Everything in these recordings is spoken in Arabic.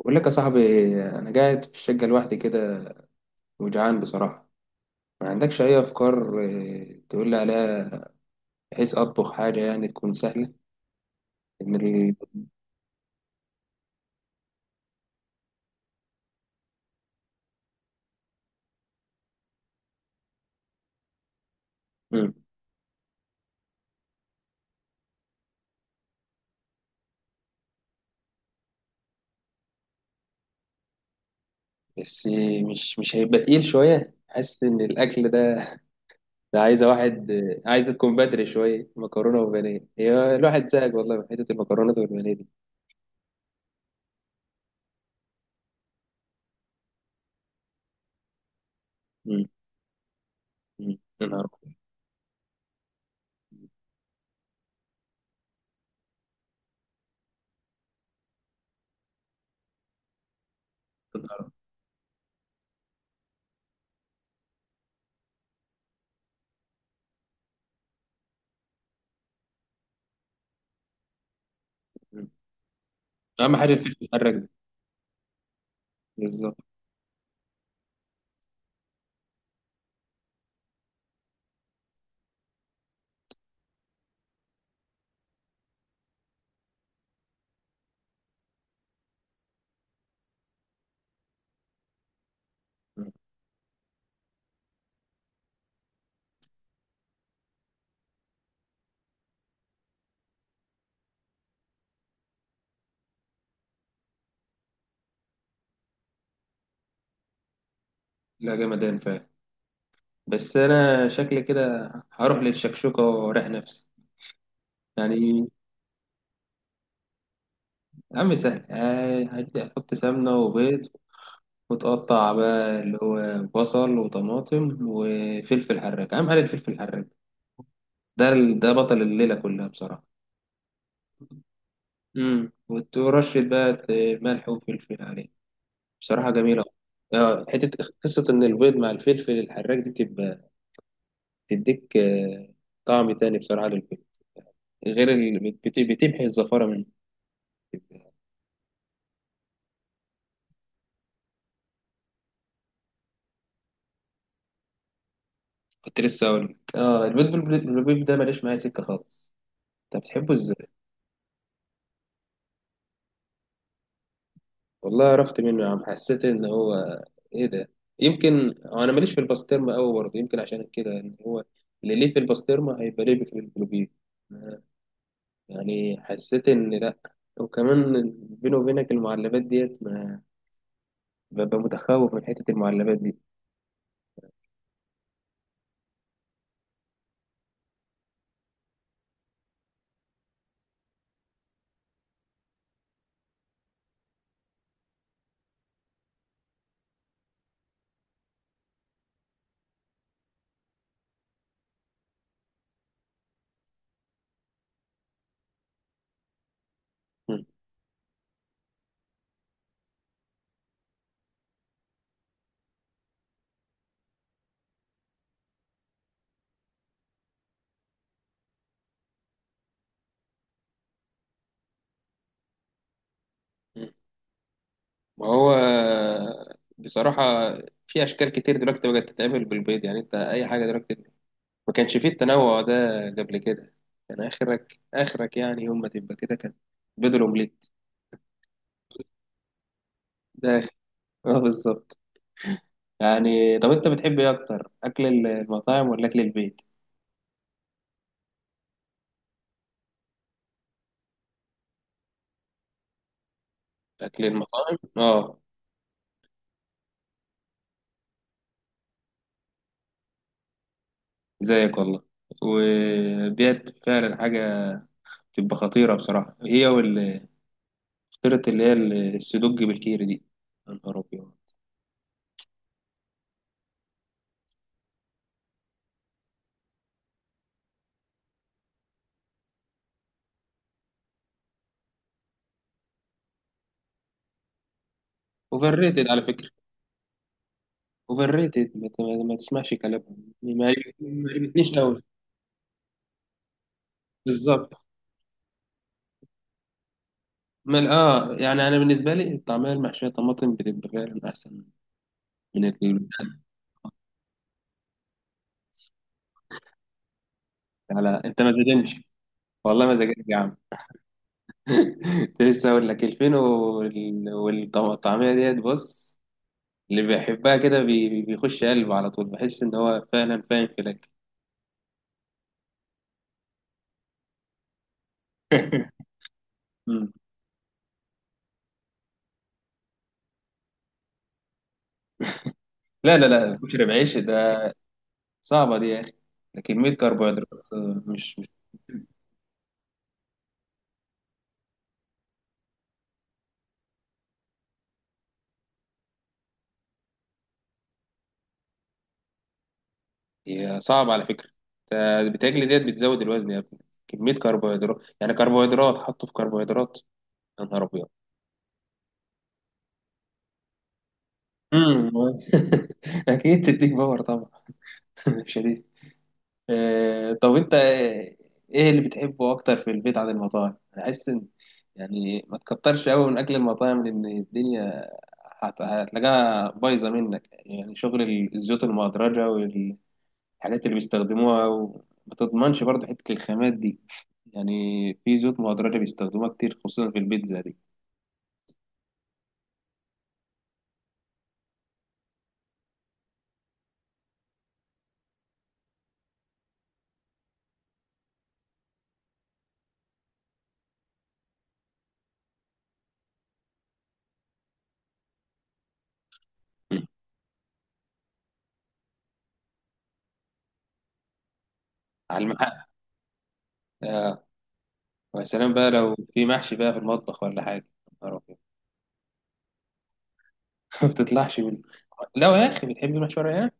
بقول لك يا صاحبي، انا قاعد في الشقه لوحدي كده، وجعان بصراحه. ما عندكش اي افكار، تقول لي عليها بحيث اطبخ حاجه يعني تكون سهله. ان مم. بس مش هيبقى تقيل شويه، حاسس ان الاكل ده عايزه واحد، عايزه تكون بدري شويه. مكرونه وبانيه، هي الواحد زهق والله من حته المكرونات والبانيه دي. مم. مم. يا نهار أبيض. يا نهار أبيض. اهم حاجه الفيش المحرك ده. بالظبط. مم. لا جمدان فعلا. بس انا شكلي كده هروح للشكشوكه واريح نفسي يعني. يا عم سهل، هدي أحط سمنة وبيض، وتقطع بقى اللي هو بصل وطماطم وفلفل حراج. أهم حاجة الفلفل الحراج ده، ده بطل الليلة كلها بصراحة. امم، وترشد بقى ملح وفلفل عليه. بصراحة جميلة. اه حتة قصة إن البيض مع الفلفل الحراج دي، تبقى تديك، طعم تاني بصراحة للبيض، غير بتمحي الزفارة منه. كنت لسه أقول لك. اه، البيض بالبيض ده ماليش معايا سكة خالص. أنت بتحبه إزاي؟ والله عرفت منه يا عم، حسيت ان هو، ايه ده، يمكن انا ماليش في البسطرمه قوي برضه، يمكن عشان كده، ان هو اللي ليه في البسطرمه هيبقى ليه في الجلوبيب، يعني حسيت ان لا. وكمان بيني وبينك المعلبات ديت، ما ببقى متخوف من حته المعلبات دي. مم. مم. ما هو بصراحه في اشكال كتير دلوقتي بقت تتعمل بالبيض، يعني انت اي حاجه دلوقتي. ما كانش فيه التنوع ده قبل كده، كان اخرك يعني، يوم ما تبقى كده، كان بيض الاومليت داخل. اه بالظبط. يعني طب انت بتحب ايه اكتر، اكل المطاعم ولا اكل البيت؟ اكل المطاعم، اه. زيك والله. وديت فعلا حاجه بتبقى خطيره بصراحه، هي فطيره اللي هي السدوج بالكيري دي. يا نهار ابيض. اوفر ريتد على فكره. اوفر ريتد، ما تسمعش كلامهم، ما عجبتنيش قوي. بالظبط. مال، اه يعني انا بالنسبه لي الطعميه المحشيه طماطم بتبقى فعلا احسن من على انت ما تهدمش. والله ما زجاج يا عم. كنت لسه اقول لك. 2000 والطعميه ديت بص، اللي بيحبها كده بيخش قلبه على طول، بحس ان هو فعلا فاهم في الاكل. مم. لا لا لا، كشري بعيش ده صعبه دي يا اخي. ده كميه كربوهيدرات، مش. هي صعبه على فكره. ده بتاكل ديت بتزود الوزن يا ابني، كميه كربوهيدرات، يعني كربوهيدرات حطوا في كربوهيدرات. يا نهار ابيض. مم. اكيد تديك باور طبعا. شديد. طب انت ايه اللي بتحبه اكتر في البيت عن المطاعم؟ انا حاسس ان، يعني ما تكترش قوي من اكل المطاعم، لان الدنيا هتلاقيها بايظه منك، يعني شغل الزيوت المهدرجه والحاجات اللي بيستخدموها، وما تضمنش برضه حته الخامات دي يعني. في زيوت مهدرجه بيستخدموها كتير، خصوصا في البيتزا دي. على المحل. اه. ويا سلام بقى لو في محشي بقى في المطبخ ولا حاجه، يا نهار أبيض. ما بتطلعش من، لا يا اخي بتحب المحشي ورق عنب؟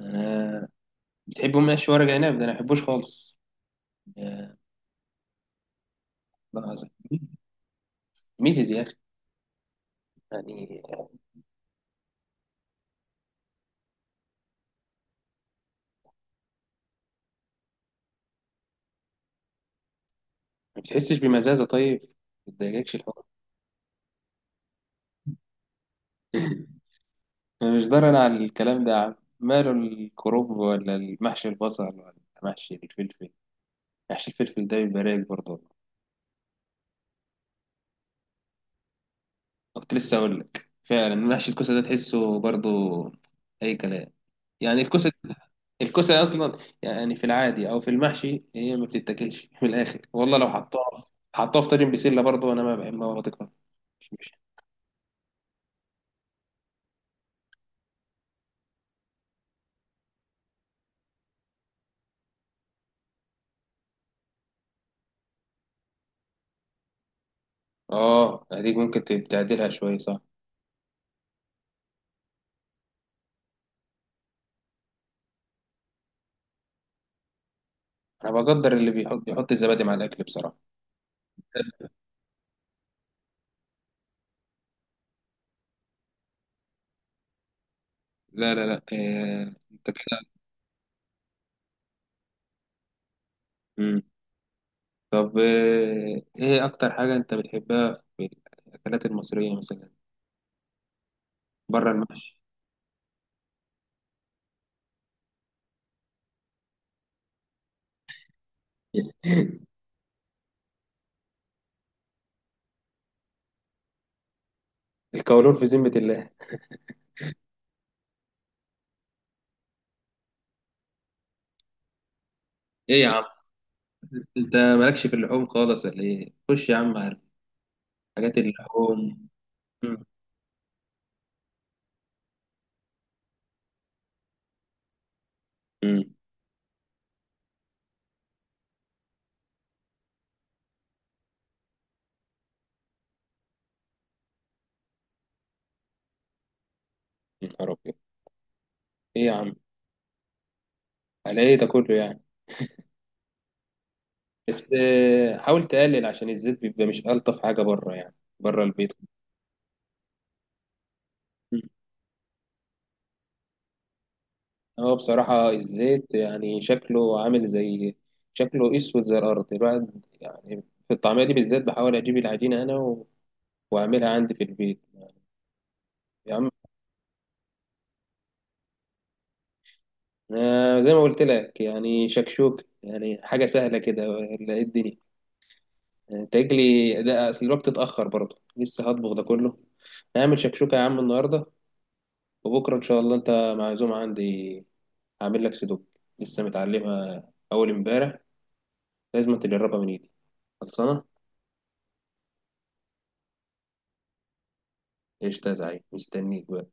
انا بتحبوا محشي ورق عنب ده، انا ما بحبوش خالص، يا الله العظيم. ميزز يا اخي يعني. ما بتحسش بمزازه؟ طيب ما بتضايقكش الحوار؟ انا مش ضرر على الكلام ده يا عم. ماله الكرنب، ولا المحشي البصل، ولا محشي الفلفل. محشي الفلفل ده بيبقى رايق برضه والله. كنت لسه اقول لك، فعلا محشي الكوسه ده تحسه برضه اي كلام يعني. الكوسه اصلا يعني، في العادي او في المحشي، هي ما بتتاكلش من الاخر والله. لو حطها في طاجن بسله برضه انا ما بحبها، ولا تكره، مش. اه هديك ممكن تعدلها شوية صح؟ انا بقدر اللي يحط الزبادي مع الاكل بصراحة. لا لا لا، انت كده. مم. طب ايه اكتر حاجة انت بتحبها في الاكلات المصرية مثلا بره المحشي؟ الكولون في ذمة الله. ايه يا عم، انت مالكش في اللحوم خالص ولا ايه؟ خش يا عم على حاجات اللحوم. امم. يا نهار أبيض. ايه يا عم، على ايه ده كله يعني؟ بس، حاول تقلل، عشان الزيت بيبقى مش ألطف حاجة بره يعني، بره البيت. مم. هو بصراحة الزيت يعني شكله عامل زي، شكله أسود زي الأرض الواحد يعني. في الطعمية دي بالذات بحاول أجيب العجينة أنا، وأعملها عندي في البيت يا عم. أنا زي ما قلت لك يعني يعني حاجة سهلة كده، ولا إيه الدنيا؟ أنت تجلي ده، أصل الوقت اتأخر برضه، لسه هطبخ ده كله. هعمل شكشوكة يا عم النهاردة، وبكرة إن شاء الله أنت معزوم عندي. هعمل لك سدوك، لسه متعلمها أول امبارح، لازم تجربها من إيدي. خلصانة؟ قشطة يا زعيم، مستنيك بقى.